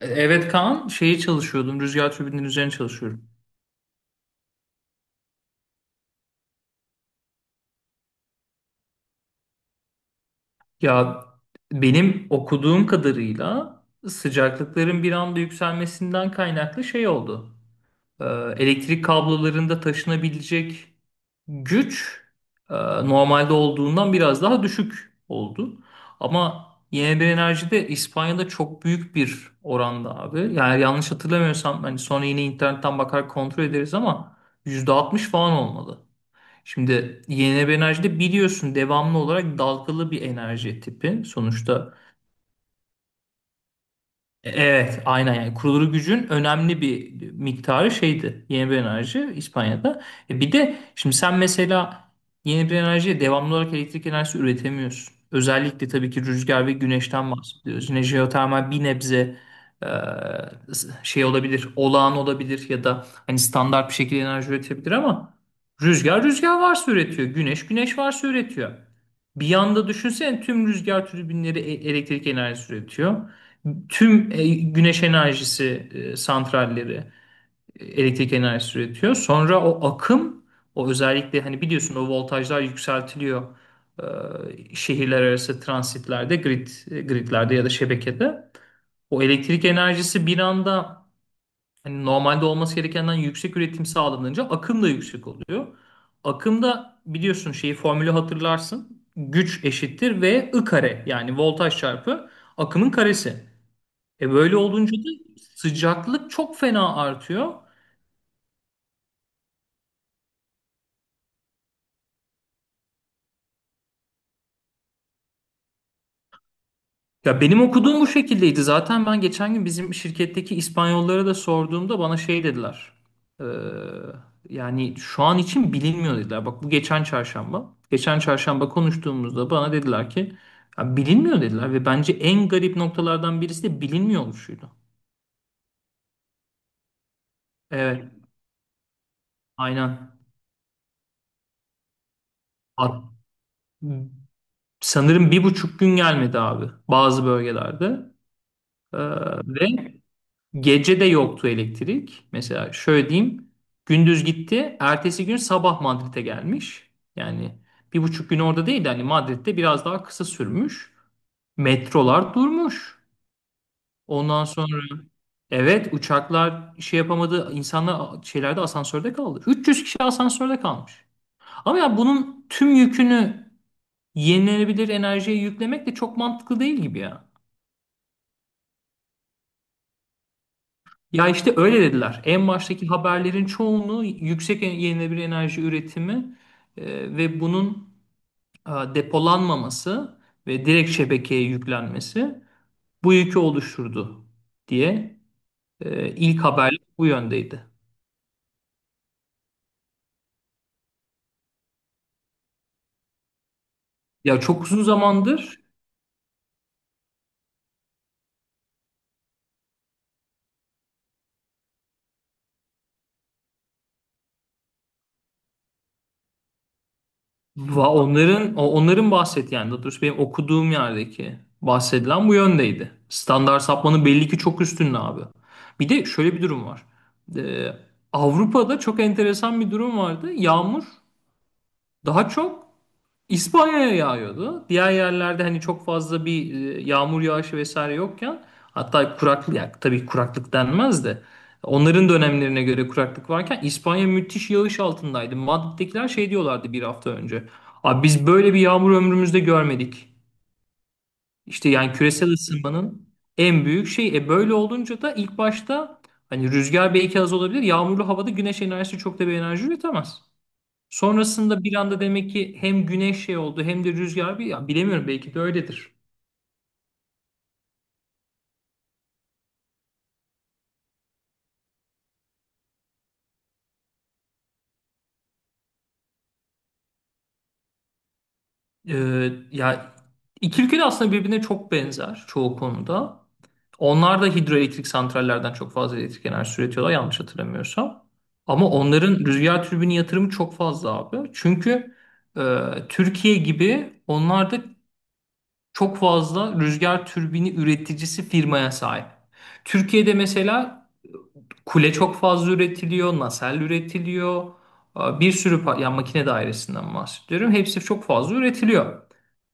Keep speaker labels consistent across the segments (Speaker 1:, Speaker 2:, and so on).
Speaker 1: Evet Kaan, şeyi çalışıyordum. Rüzgar türbininin üzerine çalışıyorum. Ya benim okuduğum kadarıyla sıcaklıkların bir anda yükselmesinden kaynaklı şey oldu. Ee, Elektrik kablolarında taşınabilecek güç e, normalde olduğundan biraz daha düşük oldu. Ama yenilenebilir enerjide İspanya'da çok büyük bir oranda abi. Yani yanlış hatırlamıyorsam hani sonra yine internetten bakar kontrol ederiz ama %60 falan olmalı. Şimdi yenilenebilir enerji de biliyorsun devamlı olarak dalgalı bir enerji tipi. Sonuçta evet, aynen yani kurulu gücün önemli bir miktarı şeydi yenilenebilir enerji İspanya'da. E bir de şimdi sen mesela yenilenebilir enerjiye devamlı olarak elektrik enerjisi üretemiyorsun. Özellikle tabii ki rüzgar ve güneşten bahsediyoruz. Yine jeotermal bir nebze e, şey olabilir, olağan olabilir ya da hani standart bir şekilde enerji üretebilir ama rüzgar varsa üretiyor, güneş varsa üretiyor. Bir yanda düşünsene tüm rüzgar türbinleri elektrik enerjisi üretiyor, tüm güneş enerjisi santralleri elektrik enerjisi üretiyor. Sonra o akım, o özellikle hani biliyorsun o voltajlar yükseltiliyor, e, şehirler arası transitlerde, grid gridlerde ya da şebekede. O elektrik enerjisi bir anda hani normalde olması gerekenden yüksek üretim sağlanınca akım da yüksek oluyor. Akımda biliyorsun şeyi formülü hatırlarsın. Güç eşittir V I kare yani voltaj çarpı akımın karesi. E böyle olunca da sıcaklık çok fena artıyor. Ya benim okuduğum bu şekildeydi. Zaten ben geçen gün bizim şirketteki İspanyollara da sorduğumda bana şey dediler. Ee, Yani şu an için bilinmiyor dediler. Bak bu geçen çarşamba. Geçen çarşamba konuştuğumuzda bana dediler ki "Ya bilinmiyor dediler ve bence en garip noktalardan birisi de bilinmiyor oluşuydu. Evet, aynen. Hat- Sanırım bir buçuk gün gelmedi abi bazı bölgelerde. Ee, ve Gece de yoktu elektrik. Mesela şöyle diyeyim. Gündüz gitti. Ertesi gün sabah Madrid'e gelmiş. Yani bir buçuk gün orada değil. Yani Madrid'de biraz daha kısa sürmüş. Metrolar durmuş. Ondan sonra evet, uçaklar şey yapamadı. İnsanlar şeylerde asansörde kaldı. 300 kişi asansörde kalmış. Ama ya bunun tüm yükünü yenilenebilir enerjiye yüklemek de çok mantıklı değil gibi ya. Ya işte öyle dediler. En baştaki haberlerin çoğunu yüksek yenilenebilir enerji üretimi ve bunun depolanmaması ve direkt şebekeye yüklenmesi bu yükü oluşturdu diye ilk haberler bu yöndeydi. Ya çok uzun zamandır onların onların bahsettiği yani daha doğrusu benim okuduğum yerdeki bahsedilen bu yöndeydi. Standart sapmanın belli ki çok üstünde abi. Bir de şöyle bir durum var. Ee, Avrupa'da çok enteresan bir durum vardı. Yağmur daha çok İspanya'ya yağıyordu. Diğer yerlerde hani çok fazla bir yağmur yağışı vesaire yokken, hatta kuraklık yani tabii kuraklık denmez de onların dönemlerine göre kuraklık varken İspanya müthiş yağış altındaydı. Madrid'dekiler şey diyorlardı bir hafta önce. Abi biz böyle bir yağmur ömrümüzde görmedik. İşte yani küresel ısınmanın en büyük şey. E böyle olunca da ilk başta hani rüzgar belki az olabilir. Yağmurlu havada güneş enerjisi çok da bir enerji üretemez. Sonrasında bir anda demek ki hem güneş şey oldu hem de rüzgar bir ya bilemiyorum belki de öyledir. Ya iki ülke de aslında birbirine çok benzer çoğu konuda. Onlar da hidroelektrik santrallerden çok fazla elektrik enerjisi üretiyorlar yanlış hatırlamıyorsam. Ama onların rüzgar türbini yatırımı çok fazla abi. Çünkü e, Türkiye gibi onlar da çok fazla rüzgar türbini üreticisi firmaya sahip. Türkiye'de mesela kule çok fazla üretiliyor, nasel üretiliyor. Bir sürü yani makine dairesinden bahsediyorum. Hepsi çok fazla üretiliyor.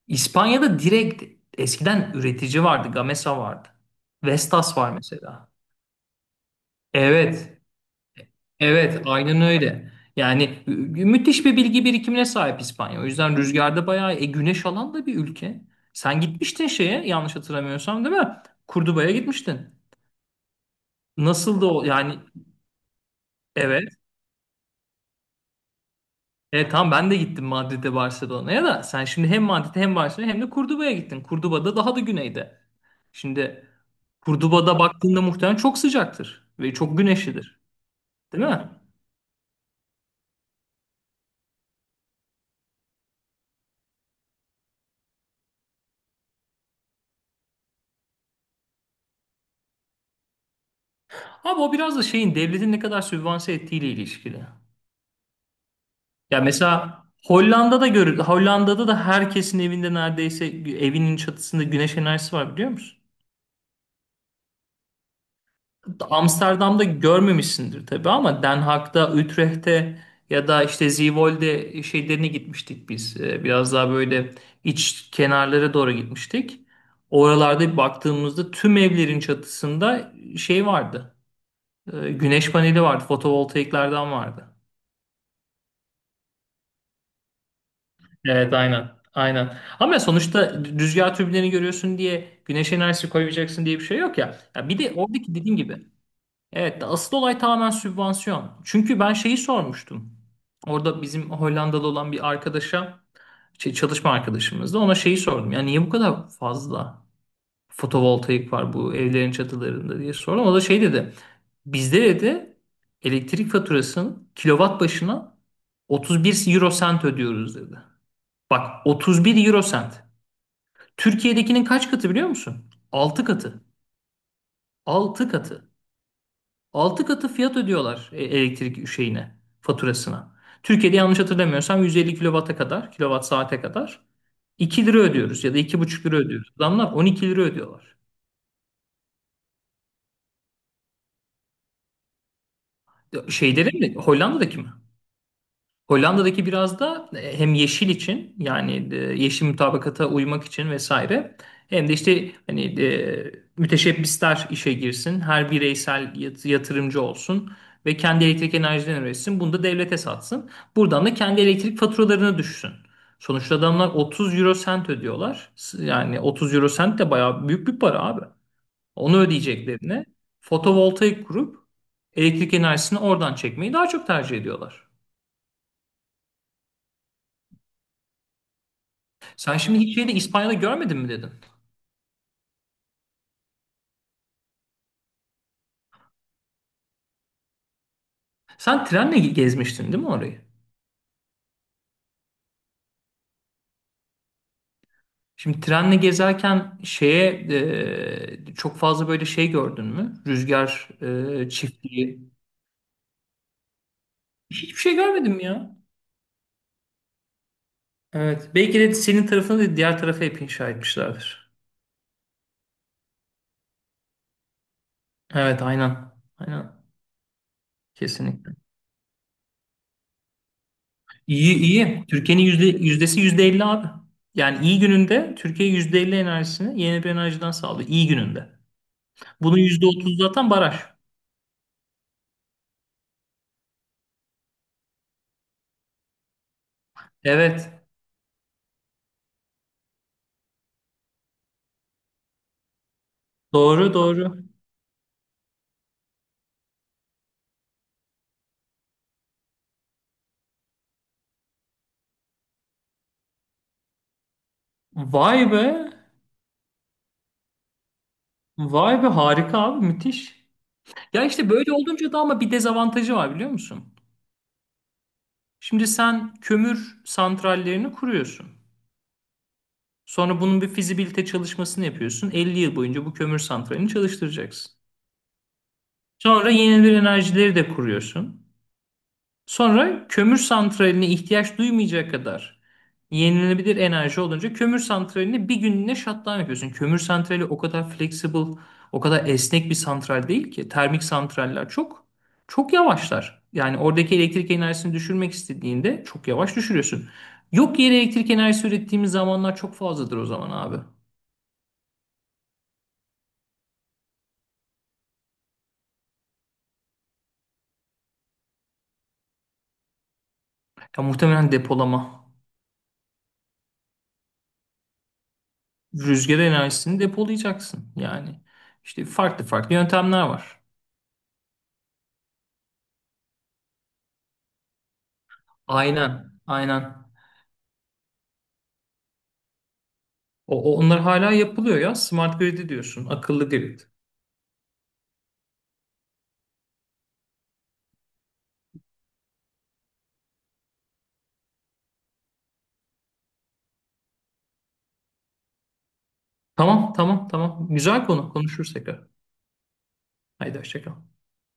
Speaker 1: İspanya'da direkt eskiden üretici vardı. Gamesa vardı. Vestas var mesela. Evet. Evet, aynen öyle. Yani müthiş bir bilgi birikimine sahip İspanya. O yüzden rüzgarda bayağı güneş alan da bir ülke. Sen gitmiştin şeye yanlış hatırlamıyorsam değil mi? Kurduba'ya gitmiştin. Nasıl da o yani, evet. Evet tamam, ben de gittim Madrid'e, Barcelona'ya, da sen şimdi hem Madrid'e hem Barcelona'ya hem de Kurduba'ya gittin. Kurduba da daha da güneyde. Şimdi Kurduba'da baktığında muhtemelen çok sıcaktır ve çok güneşlidir. Değil mi? Abi o biraz da şeyin devletin ne kadar sübvanse ettiğiyle ilişkili. Ya mesela Hollanda'da görüldü. Hollanda'da da herkesin evinde neredeyse evinin çatısında güneş enerjisi var biliyor musun? Amsterdam'da görmemişsindir tabii ama Den Haag'da, Utrecht'te ya da işte Zeevolde şeylerine gitmiştik biz. Biraz daha böyle iç kenarlara doğru gitmiştik. Oralarda baktığımızda tüm evlerin çatısında şey vardı. Güneş paneli vardı, fotovoltaiklerden vardı. Evet, aynen. Aynen. Ama sonuçta rüzgar türbinlerini görüyorsun diye güneş enerjisi koyacaksın diye bir şey yok ya. Ya bir de oradaki dediğim gibi evet, asıl olay tamamen sübvansiyon. Çünkü ben şeyi sormuştum. Orada bizim Hollandalı olan bir arkadaşa, şey, çalışma arkadaşımızda ona şeyi sordum. Yani niye bu kadar fazla fotovoltaik var bu evlerin çatılarında diye sordum. O da şey dedi. Bizde dedi elektrik faturasının kilowatt başına 31 euro sent ödüyoruz dedi. Bak 31 euro sent. Türkiye'dekinin kaç katı biliyor musun? 6 katı. Altı katı. 6 katı fiyat ödüyorlar elektrik şeyine, faturasına. Türkiye'de yanlış hatırlamıyorsam 150 kilowata kadar, kilowatt saate kadar 2 lira ödüyoruz ya da 2,5 lira ödüyoruz. Adamlar 12 lira ödüyorlar. Şeyleri mi? Hollanda'daki mi? Hollanda'daki biraz da hem yeşil için yani yeşil mutabakata uymak için vesaire, hem de işte hani müteşebbisler işe girsin, her bireysel yatırımcı olsun ve kendi elektrik enerjiden üretsin, bunu da devlete satsın. Buradan da kendi elektrik faturalarını düşsün. Sonuçta adamlar 30 euro sent ödüyorlar. Yani 30 euro sent de bayağı büyük bir para abi. Onu ödeyeceklerine fotovoltaik kurup elektrik enerjisini oradan çekmeyi daha çok tercih ediyorlar. Sen şimdi hiç şeyde İspanya'da görmedin mi dedin? Sen trenle gezmiştin değil mi orayı? Şimdi trenle gezerken şeye çok fazla böyle şey gördün mü? Rüzgar çiftliği. Hiçbir şey görmedim ya. Evet. Belki de senin tarafını da diğer tarafa hep inşa etmişlerdir. Evet aynen. Aynen. Kesinlikle. İyi iyi. Türkiye'nin %, %si %50 abi. Yani iyi gününde Türkiye %50 enerjisini yeni bir enerjiden sağlıyor. İyi gününde. Bunun %30 zaten baraj. Evet. Doğru doğru. Vay be. Vay be harika abi müthiş. Ya işte böyle olunca da ama bir dezavantajı var biliyor musun? Şimdi sen kömür santrallerini kuruyorsun. Sonra bunun bir fizibilite çalışmasını yapıyorsun. 50 yıl boyunca bu kömür santralini çalıştıracaksın. Sonra yenilenebilir enerjileri de kuruyorsun. Sonra kömür santraline ihtiyaç duymayacak kadar yenilenebilir enerji olunca kömür santralini bir günlüğüne shutdown yapıyorsun. Kömür santrali o kadar flexible, o kadar esnek bir santral değil ki. Termik santraller çok yavaşlar. Yani oradaki elektrik enerjisini düşürmek istediğinde çok yavaş düşürüyorsun. Yok yere elektrik enerjisi ürettiğimiz zamanlar çok fazladır o zaman abi. Ya muhtemelen depolama. Rüzgar enerjisini depolayacaksın yani. İşte farklı farklı yöntemler var. Aynen, aynen. O, onlar hala yapılıyor ya. Smart grid diyorsun. Akıllı grid. Tamam, tamam, tamam. Güzel konu. Konuşuruz tekrar. Haydi hoşça kal.